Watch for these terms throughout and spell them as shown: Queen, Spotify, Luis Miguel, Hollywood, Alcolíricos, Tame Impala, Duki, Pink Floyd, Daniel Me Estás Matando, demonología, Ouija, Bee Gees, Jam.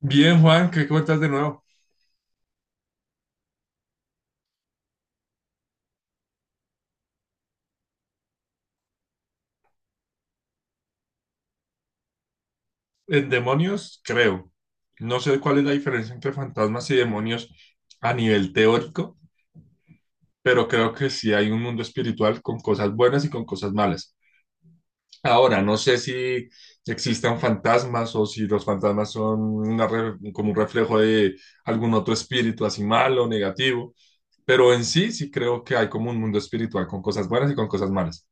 Bien, Juan, ¿qué cuentas de nuevo? En demonios, creo. No sé cuál es la diferencia entre fantasmas y demonios a nivel teórico, pero creo que sí hay un mundo espiritual con cosas buenas y con cosas malas. Ahora, no sé si existan fantasmas o si los fantasmas son como un reflejo de algún otro espíritu así malo o negativo, pero en sí sí creo que hay como un mundo espiritual con cosas buenas y con cosas malas.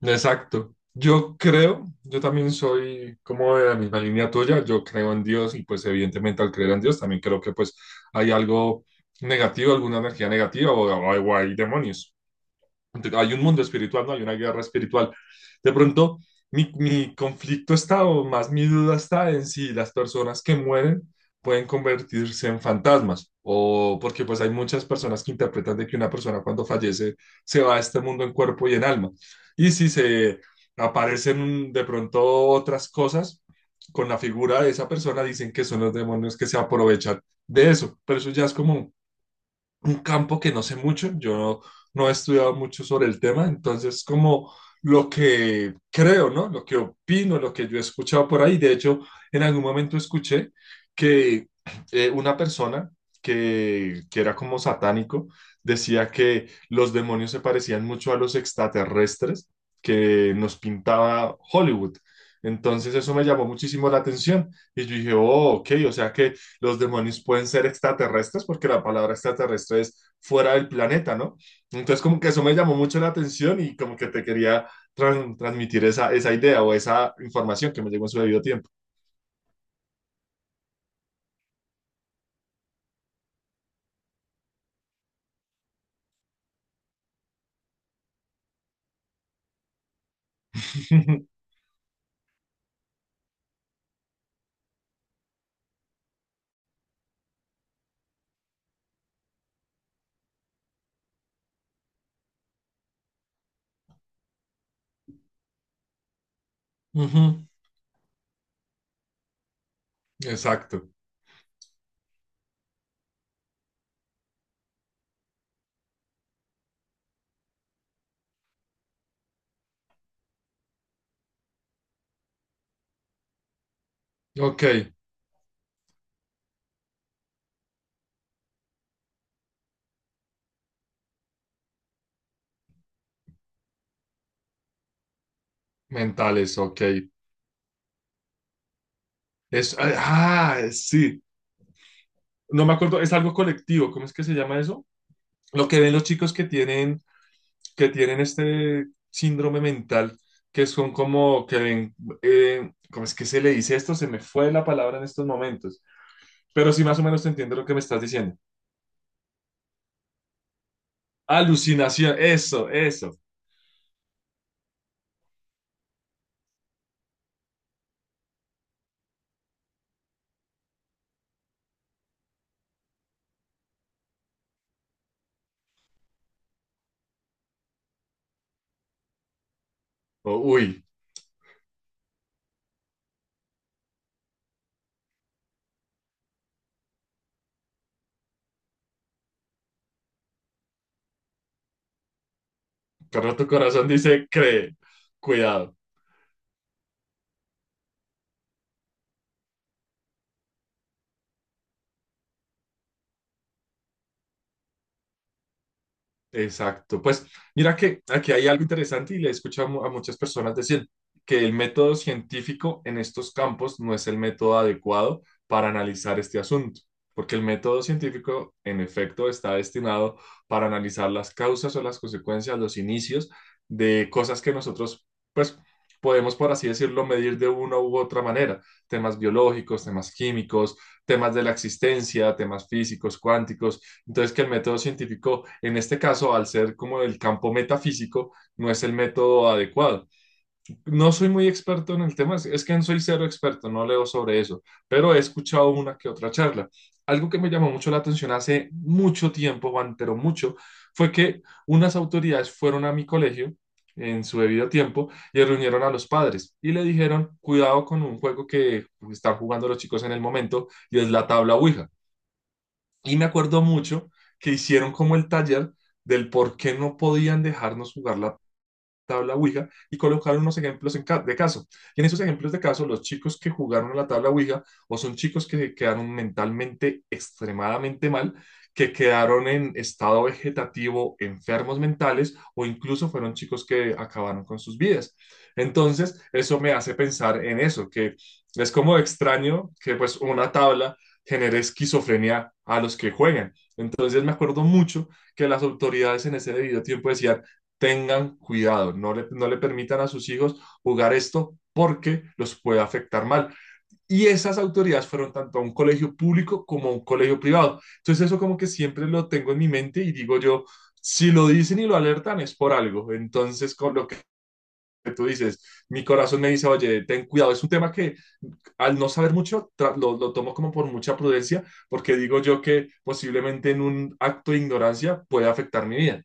Exacto. Yo creo, yo también soy como de la misma línea tuya, yo creo en Dios y pues evidentemente al creer en Dios también creo que pues hay algo negativo, alguna energía negativa o, o hay demonios. Entonces, hay un mundo espiritual, ¿no? Hay una guerra espiritual. De pronto, mi conflicto está, o más mi duda está en si las personas que mueren pueden convertirse en fantasmas, o porque pues hay muchas personas que interpretan de que una persona cuando fallece se va a este mundo en cuerpo y en alma. Y si se aparecen de pronto otras cosas con la figura de esa persona, dicen que son los demonios que se aprovechan de eso, pero eso ya es como un campo que no sé mucho, yo no he estudiado mucho sobre el tema, entonces como lo que creo, ¿no? Lo que opino, lo que yo he escuchado por ahí, de hecho, en algún momento escuché que una persona que era como satánico decía que los demonios se parecían mucho a los extraterrestres que nos pintaba Hollywood. Entonces eso me llamó muchísimo la atención y yo dije, oh, ok, o sea que los demonios pueden ser extraterrestres, porque la palabra extraterrestre es fuera del planeta, ¿no? Entonces, como que eso me llamó mucho la atención y como que te quería transmitir esa, esa idea o esa información que me llegó en su debido tiempo. Ujú. Exacto. Ok, mentales, ok. Es, ah, sí. No me acuerdo, es algo colectivo, ¿cómo es que se llama eso? Lo que ven los chicos que tienen este síndrome mental, que son como que ven, ¿cómo es que se le dice esto? Se me fue la palabra en estos momentos, pero sí más o menos te entiendo lo que me estás diciendo. Alucinación, eso, eso. O, uy, pero tu corazón dice, cree, cuidado. Exacto. Pues mira que aquí hay algo interesante y le he escuchado a a muchas personas decir que el método científico en estos campos no es el método adecuado para analizar este asunto, porque el método científico en efecto está destinado para analizar las causas o las consecuencias, los inicios de cosas que nosotros pues podemos, por así decirlo, medir de una u otra manera, temas biológicos, temas químicos, temas de la existencia, temas físicos, cuánticos. Entonces, que el método científico, en este caso, al ser como el campo metafísico, no es el método adecuado. No soy muy experto en el tema, es que no soy cero experto, no leo sobre eso, pero he escuchado una que otra charla. Algo que me llamó mucho la atención hace mucho tiempo, Juan, pero mucho, fue que unas autoridades fueron a mi colegio en su debido tiempo y reunieron a los padres y le dijeron, cuidado con un juego que están jugando los chicos en el momento y es la tabla Ouija. Y me acuerdo mucho que hicieron como el taller del por qué no podían dejarnos jugar la tabla Ouija y colocar unos ejemplos de caso. Y en esos ejemplos de caso, los chicos que jugaron a la tabla Ouija o son chicos que quedaron mentalmente extremadamente mal, que quedaron en estado vegetativo, enfermos mentales o incluso fueron chicos que acabaron con sus vidas. Entonces, eso me hace pensar en eso, que es como extraño que pues una tabla genere esquizofrenia a los que juegan. Entonces me acuerdo mucho que las autoridades en ese debido tiempo decían, tengan cuidado, no le permitan a sus hijos jugar esto porque los puede afectar mal. Y esas autoridades fueron tanto a un colegio público como a un colegio privado. Entonces eso como que siempre lo tengo en mi mente y digo yo, si lo dicen y lo alertan es por algo. Entonces con lo que tú dices, mi corazón me dice, oye, ten cuidado. Es un tema que al no saber mucho lo tomo como por mucha prudencia porque digo yo que posiblemente en un acto de ignorancia puede afectar mi vida.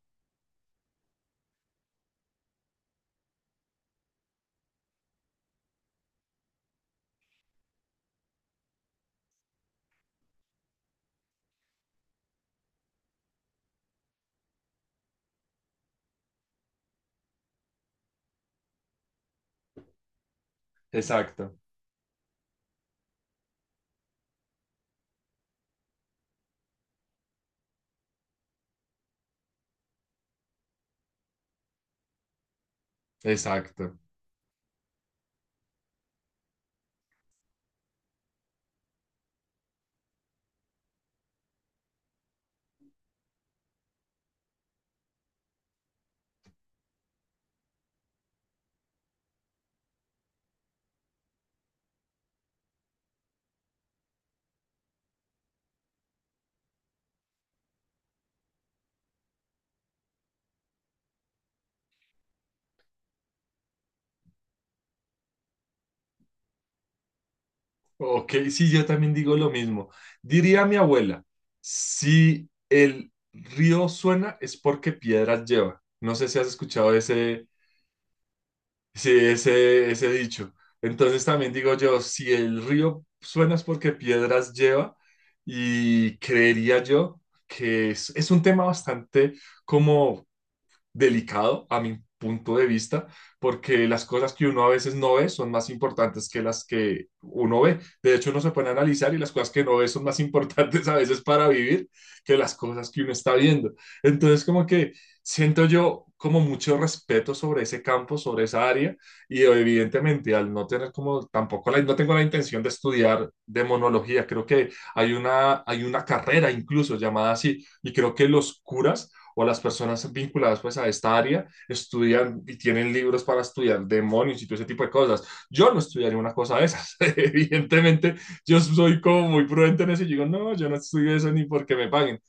Exacto, exacto. Ok, sí, yo también digo lo mismo. Diría mi abuela, si el río suena es porque piedras lleva. No sé si has escuchado ese, sí, ese dicho. Entonces también digo yo, si el río suena es porque piedras lleva y creería yo que es un tema bastante como delicado a mi punto de vista, porque las cosas que uno a veces no ve son más importantes que las que uno ve. De hecho, uno se pone a analizar y las cosas que no ve son más importantes a veces para vivir que las cosas que uno está viendo. Entonces, como que siento yo como mucho respeto sobre ese campo, sobre esa área, y evidentemente al no tener como tampoco la, no tengo la intención de estudiar demonología, creo que hay una carrera incluso llamada así, y creo que los curas o las personas vinculadas pues a esta área estudian y tienen libros para estudiar demonios y todo ese tipo de cosas. Yo no estudiaría una cosa de esas. Evidentemente, yo soy como muy prudente en eso y digo, no, yo no estudio eso ni porque me paguen.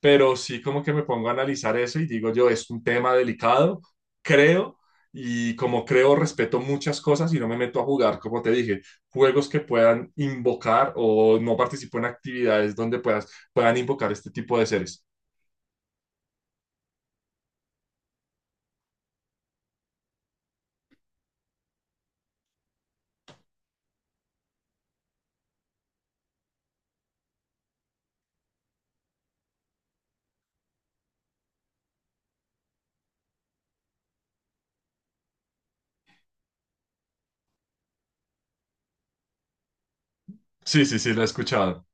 Pero sí como que me pongo a analizar eso y digo yo, es un tema delicado, creo, y como creo, respeto muchas cosas y no me meto a jugar, como te dije, juegos que puedan invocar o no participo en actividades donde puedan invocar este tipo de seres. Sí, sí, sí, lo he escuchado.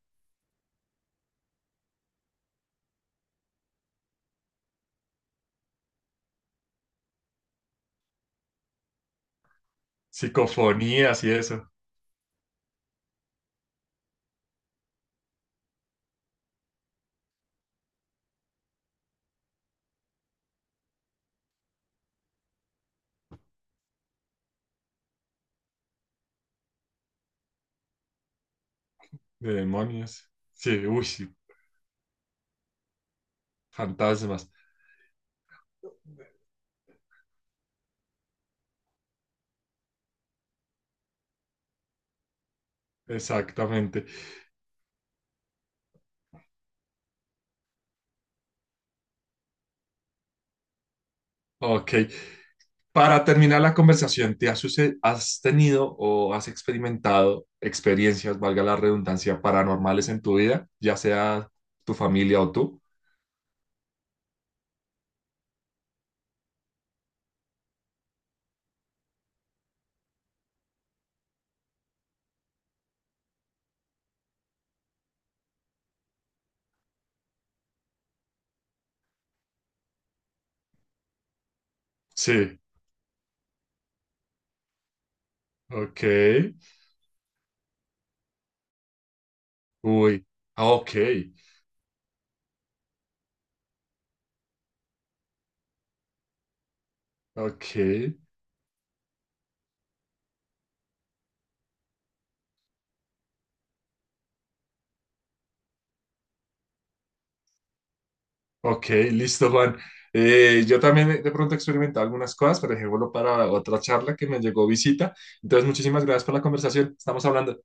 Psicofonías y eso, de demonios. Sí, uy, sí, fantasmas. Exactamente. Ok. Para terminar la conversación, ¿te has, has tenido o has experimentado experiencias, valga la redundancia, paranormales en tu vida, ya sea tu familia o tú? Sí. Ok. Uy. Ah, ok. Ok. Ok, listo, Juan. Yo también de pronto he experimentado algunas cosas, pero dejémoslo para otra charla que me llegó visita. Entonces, muchísimas gracias por la conversación. Estamos hablando.